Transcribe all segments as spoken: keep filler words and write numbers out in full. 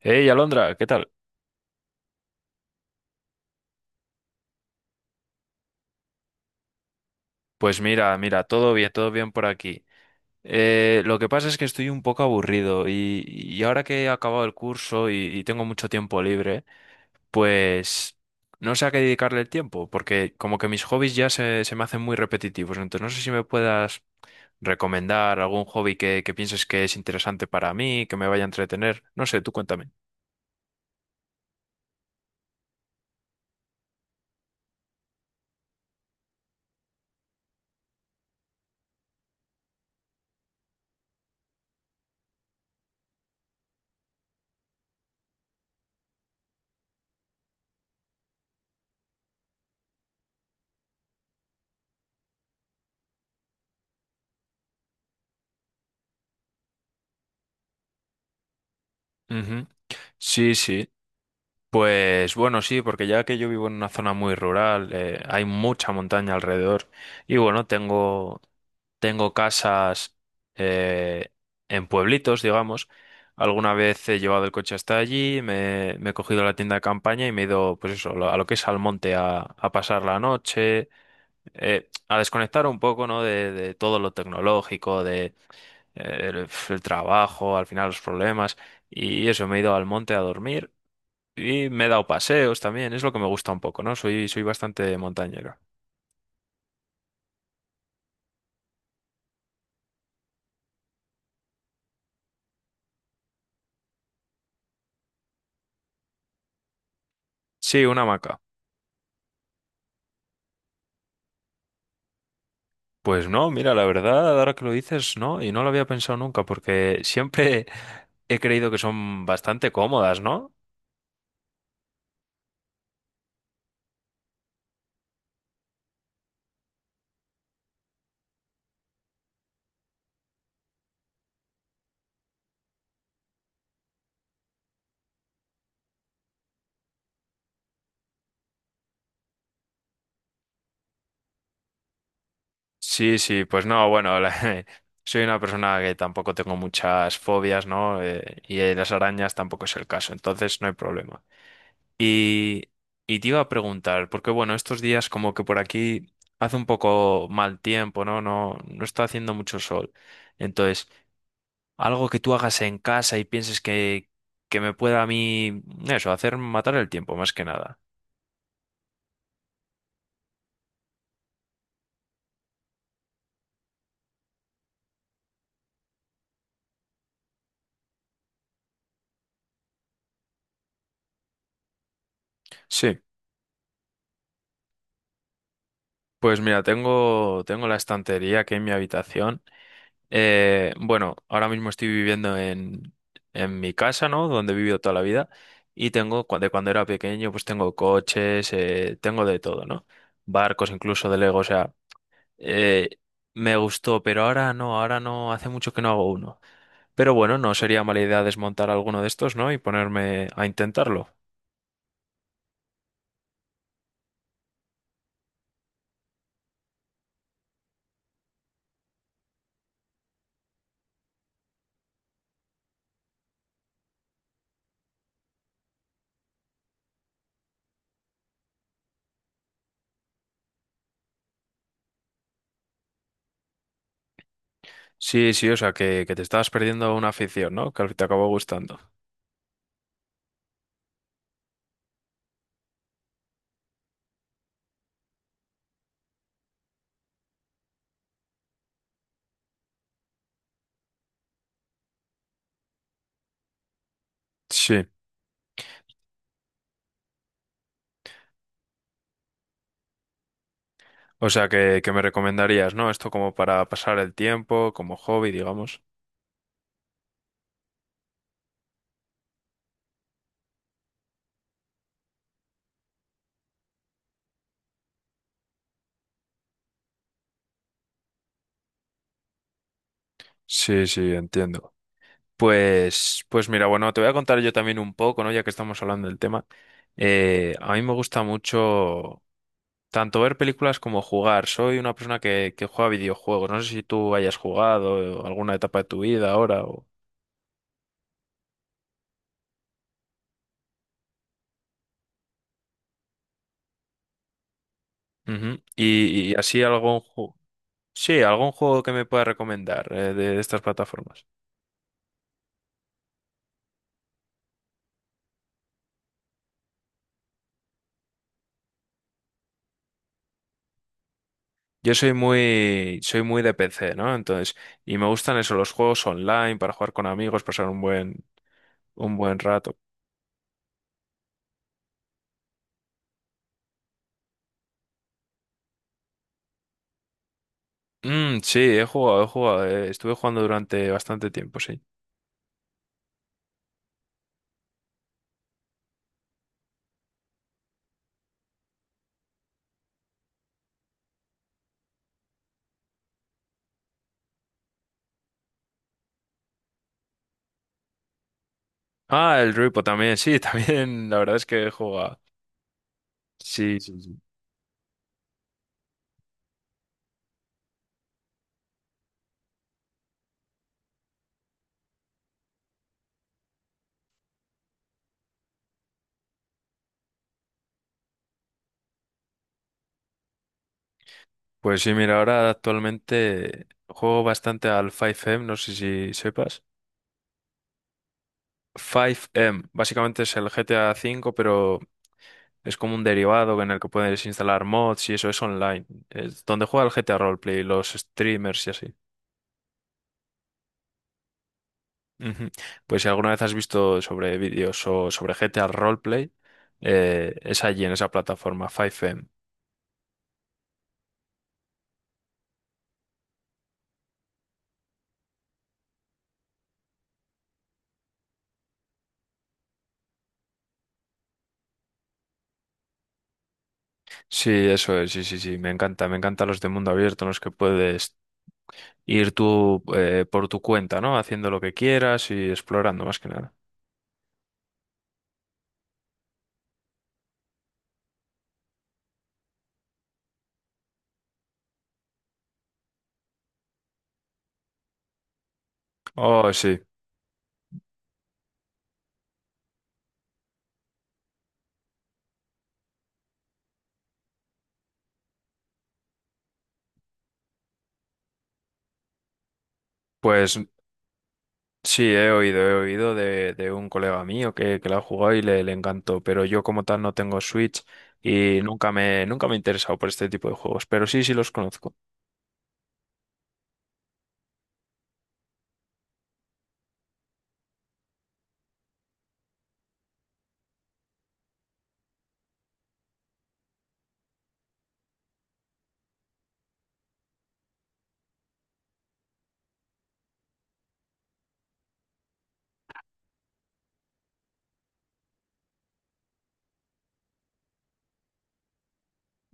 Hey, Alondra, ¿qué tal? Pues mira, mira, todo bien, todo bien por aquí. Eh, lo que pasa es que estoy un poco aburrido y, y ahora que he acabado el curso y, y tengo mucho tiempo libre, pues no sé a qué dedicarle el tiempo, porque como que mis hobbies ya se, se me hacen muy repetitivos. Entonces no sé si me puedas recomendar algún hobby que, que pienses que es interesante para mí, que me vaya a entretener. No sé, tú cuéntame. Ujú. Sí, sí. Pues bueno, sí, porque ya que yo vivo en una zona muy rural, eh, hay mucha montaña alrededor. Y bueno, tengo, tengo casas eh, en pueblitos, digamos. Alguna vez he llevado el coche hasta allí, me, me he cogido la tienda de campaña y me he ido, pues eso, lo- a lo que es al monte a, a pasar la noche, eh, a desconectar un poco, ¿no? De, de todo lo tecnológico, de eh, el el trabajo, al final los problemas. Y eso, me he ido al monte a dormir. Y me he dado paseos también, es lo que me gusta un poco, ¿no? Soy, soy bastante montañero. Sí, una hamaca. Pues no, mira, la verdad, ahora que lo dices, no, y no lo había pensado nunca, porque siempre he creído que son bastante cómodas, ¿no? Sí, sí, pues no, bueno, la- soy una persona que tampoco tengo muchas fobias, ¿no? Eh, y eh, las arañas tampoco es el caso, entonces no hay problema. Y, y te iba a preguntar, porque bueno, estos días como que por aquí hace un poco mal tiempo, ¿no? No, no está haciendo mucho sol. Entonces, algo que tú hagas en casa y pienses que, que me pueda a mí, eso, hacer matar el tiempo, más que nada. Sí, pues mira, tengo, tengo la estantería aquí en mi habitación. Eh, bueno, ahora mismo estoy viviendo en, en mi casa, ¿no? Donde he vivido toda la vida. Y tengo, cu- de cuando era pequeño, pues tengo coches, eh, tengo de todo, ¿no? Barcos, incluso de Lego, o sea, eh, me gustó, pero ahora no, ahora no, hace mucho que no hago uno. Pero bueno, no sería mala idea desmontar alguno de estos, ¿no? Y ponerme a intentarlo. Sí, sí, o sea, que, que te estabas perdiendo una afición, ¿no? Que al fin te acabó gustando. Sí, o sea que, que me recomendarías, ¿no? Esto como para pasar el tiempo, como hobby, digamos. Sí, sí, entiendo. Pues, pues mira, bueno, te voy a contar yo también un poco, ¿no? Ya que estamos hablando del tema. Eh, a mí me gusta mucho tanto ver películas como jugar. Soy una persona que, que juega videojuegos. No sé si tú hayas jugado eh, alguna etapa de tu vida ahora o... Ujú. Y, y así algún juego... Sí, algún juego que me pueda recomendar eh, de estas plataformas. Yo soy muy, soy muy de P C, ¿no? Entonces, y me gustan eso, los juegos online para jugar con amigos, pasar un buen, un buen rato. Mm, sí, he jugado, he jugado. eh, Estuve jugando durante bastante tiempo, sí. Ah, el Ruipo también, sí, también. La verdad es que he jugado. Sí, sí, sí. Pues sí, mira, ahora actualmente juego bastante al cinco M, no sé si sepas. cinco M, básicamente es el G T A V, pero es como un derivado en el que puedes instalar mods y eso es online. Es donde juega el G T A Roleplay, los streamers y así. Ujú. Pues si alguna vez has visto sobre vídeos o sobre G T A Roleplay, eh, es allí en esa plataforma, cinco M. Sí, eso es, sí, sí, sí, me encanta, me encantan los de mundo abierto en los que puedes ir tú eh, por tu cuenta, ¿no? Haciendo lo que quieras y explorando más que nada. Oh, sí, pues sí, he oído, he oído de, de un colega mío que, que la ha jugado y le, le encantó, pero yo como tal no tengo Switch y nunca me, nunca me he interesado por este tipo de juegos, pero sí, sí los conozco.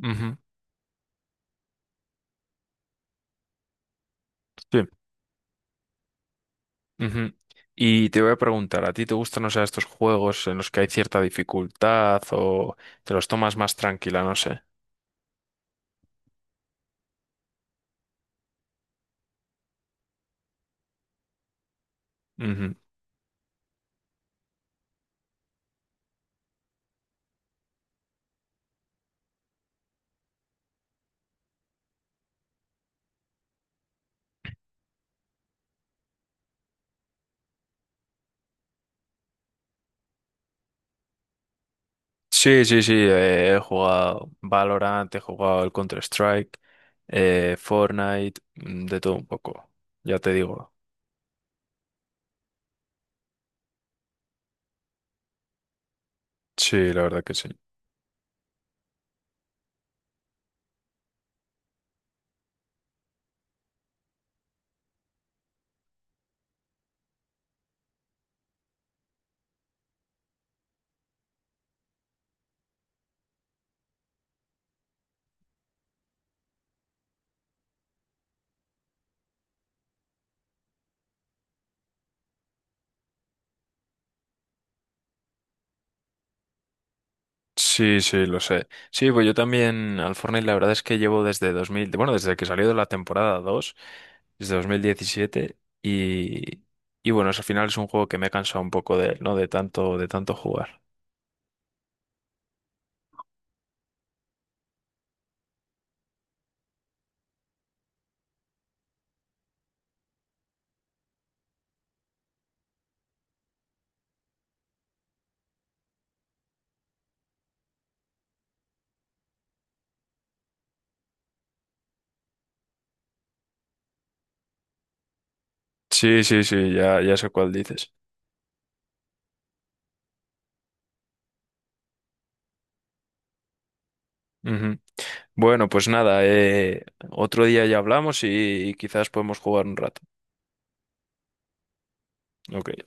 Ujú, Ujú. Y te voy a preguntar, ¿a ti te gustan, o sea, estos juegos en los que hay cierta dificultad o te los tomas más tranquila? No sé. Ujú. Sí, sí, sí, eh, he jugado Valorant, he jugado el Counter-Strike, eh, Fortnite, mm, de todo un poco, ya te digo. Sí, la verdad que sí. Sí, sí, lo sé. Sí, pues yo también al Fortnite la verdad es que llevo desde dos mil bueno, desde que salió de la temporada dos, desde dos mil diecisiete y, y bueno, es- al final es un juego que me he cansado un poco de él, ¿no? De tanto, de tanto jugar. Sí, sí, sí, ya, ya sé cuál dices. Ujú. Bueno, pues nada, eh, otro día ya hablamos y, y quizás podemos jugar un rato. Ok.